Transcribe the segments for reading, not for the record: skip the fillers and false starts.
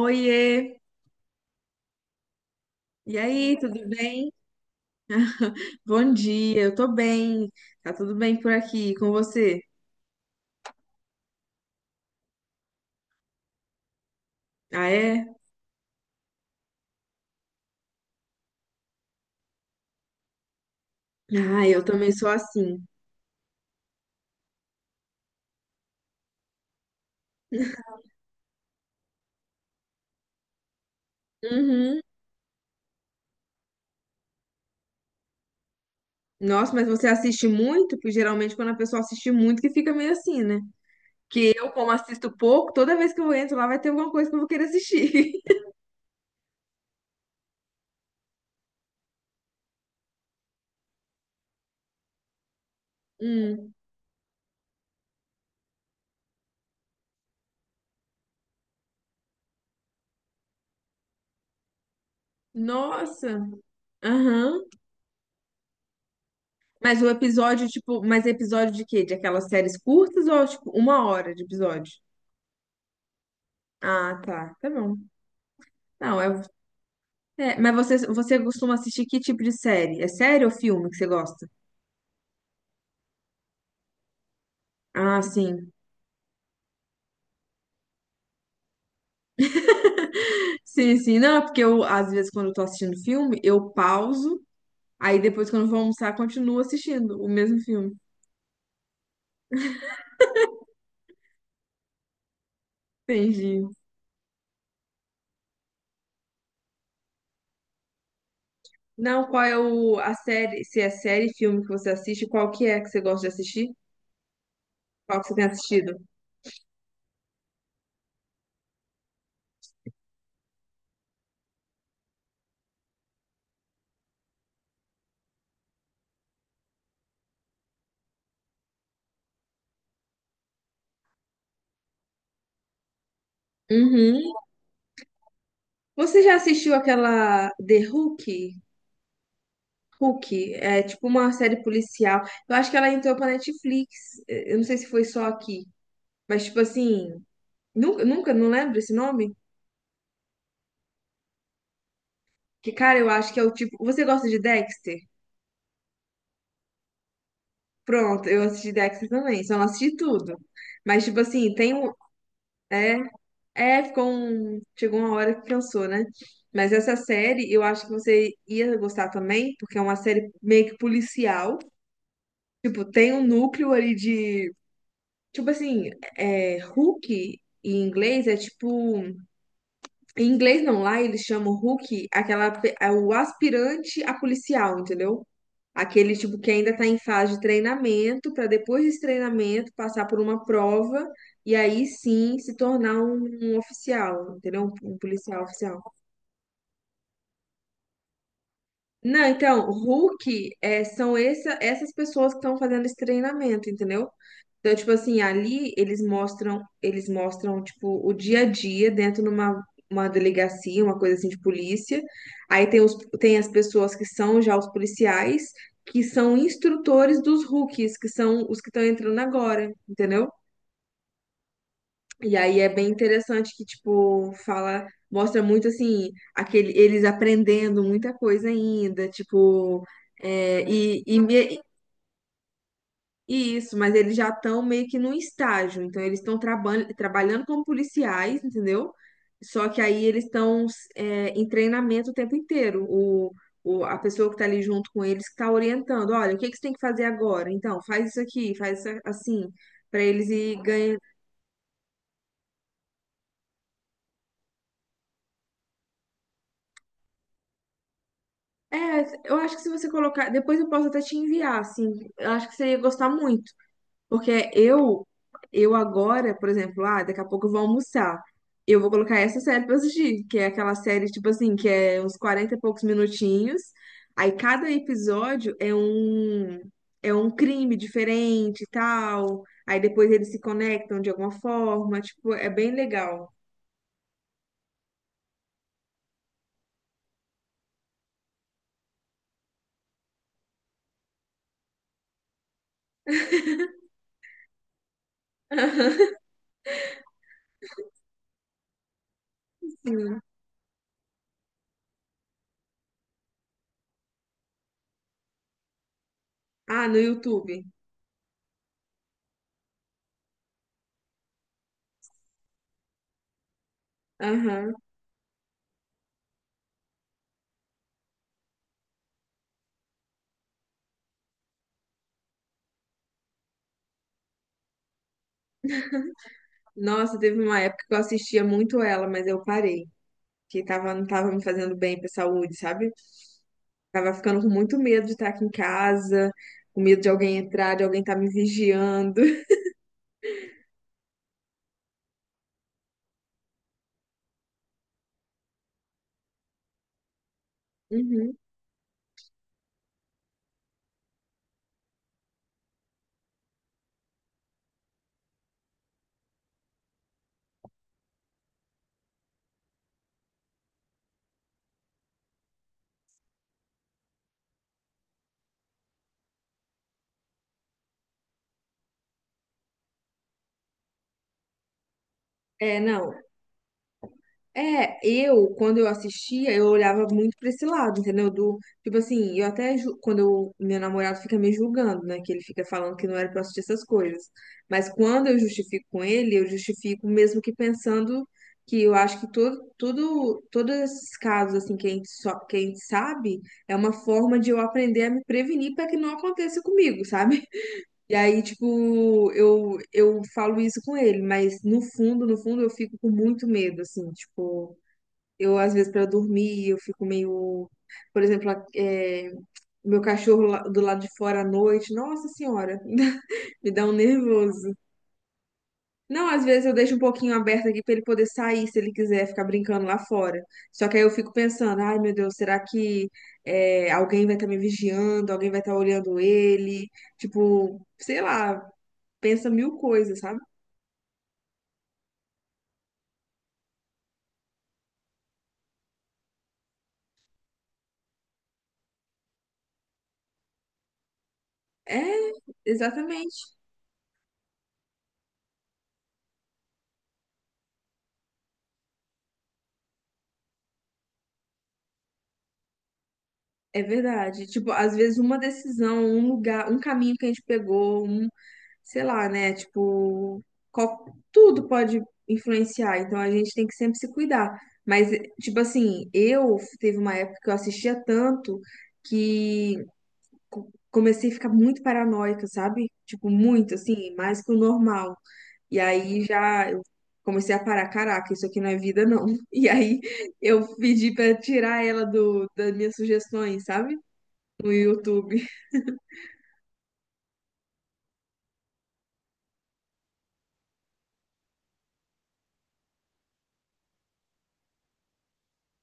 Oiê! E aí, tudo bem? Bom dia, eu tô bem. Tá tudo bem por aqui com você? Ah, é? Ah, eu também sou assim. Uhum. Nossa, mas você assiste muito? Porque geralmente quando a pessoa assiste muito que fica meio assim, né? Que eu, como assisto pouco, toda vez que eu entro lá vai ter alguma coisa que eu vou querer assistir. Hum. Nossa! Aham. Mas o episódio, tipo, mas episódio de quê? De aquelas séries curtas ou, tipo, 1 hora de episódio? Ah, tá. Tá bom. Não, é, mas você costuma assistir que tipo de série? É série ou filme que você gosta? Ah, sim. Sim, sim. Não, é porque eu, às vezes, quando eu tô assistindo filme, eu pauso, aí depois, quando eu vou almoçar, continuo assistindo o mesmo filme. Entendi. Não, qual é o, a série, se é série, filme que você assiste, qual que é que você gosta de assistir? Qual que você tem assistido? Uhum. Você já assistiu aquela The Hook? Hook é tipo uma série policial. Eu acho que ela entrou pra Netflix. Eu não sei se foi só aqui. Mas, tipo assim, nunca, nunca, não lembro esse nome? Que, cara, eu acho que é o tipo. Você gosta de Dexter? Pronto, eu assisti Dexter também, só não assisti tudo. Mas, tipo assim, tem um. É, é, ficou um. Chegou uma hora que cansou, né? Mas essa série eu acho que você ia gostar também, porque é uma série meio que policial. Tipo, tem um núcleo ali de. Tipo assim, é, Hook em inglês é tipo. Em inglês não, lá eles chamam Rookie, aquela, é o aspirante a policial, entendeu? Aquele tipo que ainda está em fase de treinamento, para depois desse treinamento passar por uma prova e aí sim se tornar um oficial, entendeu? Um policial oficial. Não, então, Rookie é, são essas pessoas que estão fazendo esse treinamento, entendeu? Então, tipo assim, ali eles mostram, tipo, o dia a dia dentro numa uma delegacia, uma coisa assim de polícia. Aí tem as pessoas que são já os policiais, que são instrutores dos rookies, que são os que estão entrando agora, entendeu? E aí é bem interessante que, tipo, fala, mostra muito assim, aquele, eles aprendendo muita coisa ainda, é, e, e, me- Isso, mas eles já estão meio que num estágio, então eles estão trabalhando como policiais, entendeu? Só que aí eles estão em treinamento o tempo inteiro. A pessoa que está ali junto com eles que está orientando, olha, o que que você tem que fazer agora? Então, faz isso aqui, faz isso assim, para eles ir ganhando. É, eu acho que se você colocar, depois eu posso até te enviar, assim, eu acho que você ia gostar muito. Porque eu agora, por exemplo, ah, daqui a pouco eu vou almoçar. Eu vou colocar essa série pra assistir, que é aquela série, tipo assim, que é uns 40 e poucos minutinhos. Aí cada episódio é um crime diferente e tal. Aí depois eles se conectam de alguma forma. Tipo, é bem legal. Sim. Ah, no YouTube. Aham. Nossa, teve uma época que eu assistia muito ela, mas eu parei. Que tava, não tava me fazendo bem pra saúde, sabe? Tava ficando com muito medo de estar aqui em casa, com medo de alguém entrar, de alguém estar me vigiando. Uhum. É, não. É, eu, quando eu assistia, eu olhava muito pra esse lado, entendeu? Do, tipo assim, eu até, quando eu, meu namorado fica me julgando, né? Que ele fica falando que não era pra eu assistir essas coisas. Mas quando eu justifico com ele, eu justifico mesmo que pensando que eu acho que todo, tudo, todos esses casos, assim, que a gente, só, que a gente sabe, é uma forma de eu aprender a me prevenir para que não aconteça comigo, sabe? E aí, tipo, eu falo isso com ele, mas no fundo, no fundo, eu fico com muito medo, assim, tipo, eu às vezes para dormir, eu fico meio, por exemplo, meu cachorro do lado de fora à noite, nossa senhora, me dá um nervoso. Não, às vezes eu deixo um pouquinho aberto aqui para ele poder sair, se ele quiser ficar brincando lá fora. Só que aí eu fico pensando, ai meu Deus, será que alguém vai estar me vigiando, alguém vai estar olhando ele? Tipo, sei lá, pensa mil coisas, sabe? É, exatamente. É verdade. Tipo, às vezes uma decisão, um lugar, um caminho que a gente pegou, um, sei lá, né? Tipo, qual- tudo pode influenciar. Então a gente tem que sempre se cuidar. Mas, tipo assim, eu teve uma época que eu assistia tanto que comecei a ficar muito paranoica, sabe? Tipo, muito, assim, mais que o normal. E aí já eu comecei a parar, caraca, isso aqui não é vida, não. E aí eu pedi pra tirar ela do, das minhas sugestões, sabe? No YouTube.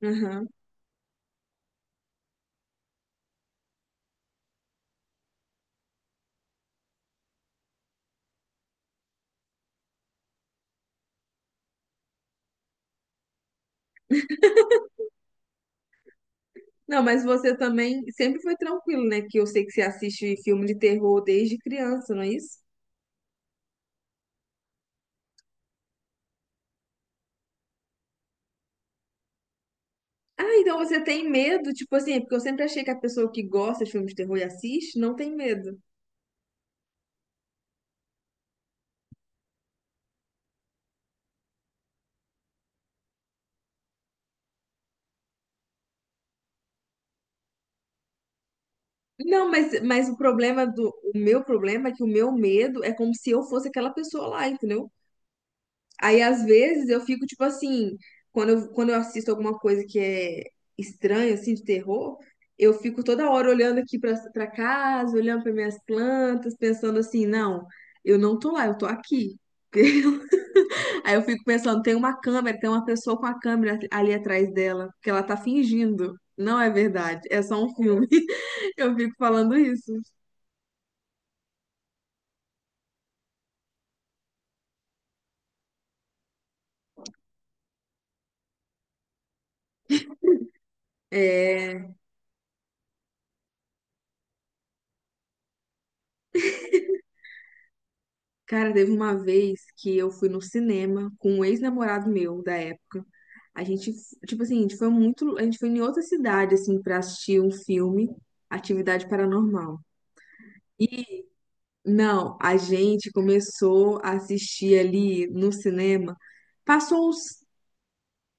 Aham. Não, mas você também sempre foi tranquilo, né? Que eu sei que você assiste filme de terror desde criança, não é isso? Ah, então você tem medo, tipo assim, é porque eu sempre achei que a pessoa que gosta de filmes de terror e assiste não tem medo. Não, mas o problema do, o meu problema é que o meu medo é como se eu fosse aquela pessoa lá, entendeu? Aí, às vezes, eu fico, tipo assim, quando eu assisto alguma coisa que é estranha, assim, de terror, eu fico toda hora olhando aqui pra casa, olhando para minhas plantas, pensando assim, não, eu não tô lá, eu tô aqui. Aí eu fico pensando, tem uma câmera, tem uma pessoa com a câmera ali atrás dela, que ela tá fingindo. Não é verdade, é só um filme. Eu fico falando isso. é Cara, teve uma vez que eu fui no cinema com um ex-namorado meu da época. A gente, tipo assim, a gente foi muito, a gente foi em outra cidade assim pra assistir um filme, Atividade Paranormal. E não, a gente começou a assistir ali no cinema. Passou uns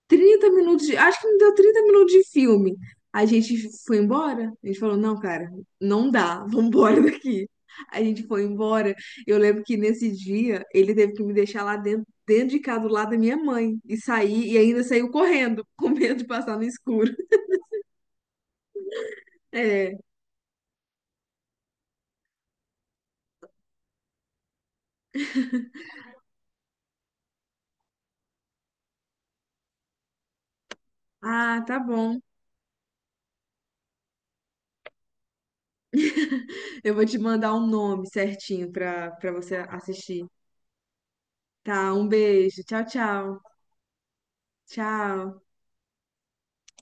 30 minutos de, acho que não deu 30 minutos de filme. A gente foi embora, a gente falou, não, cara, não dá, vamos embora daqui. A gente foi embora. Eu lembro que nesse dia ele teve que me deixar lá dentro, dentro de casa, do lado da minha mãe, e sair, e ainda saiu correndo, com medo de passar no escuro. É, ah, tá bom. Eu vou te mandar o nome certinho pra você assistir. Tá, um beijo. Tchau, tchau. Tchau.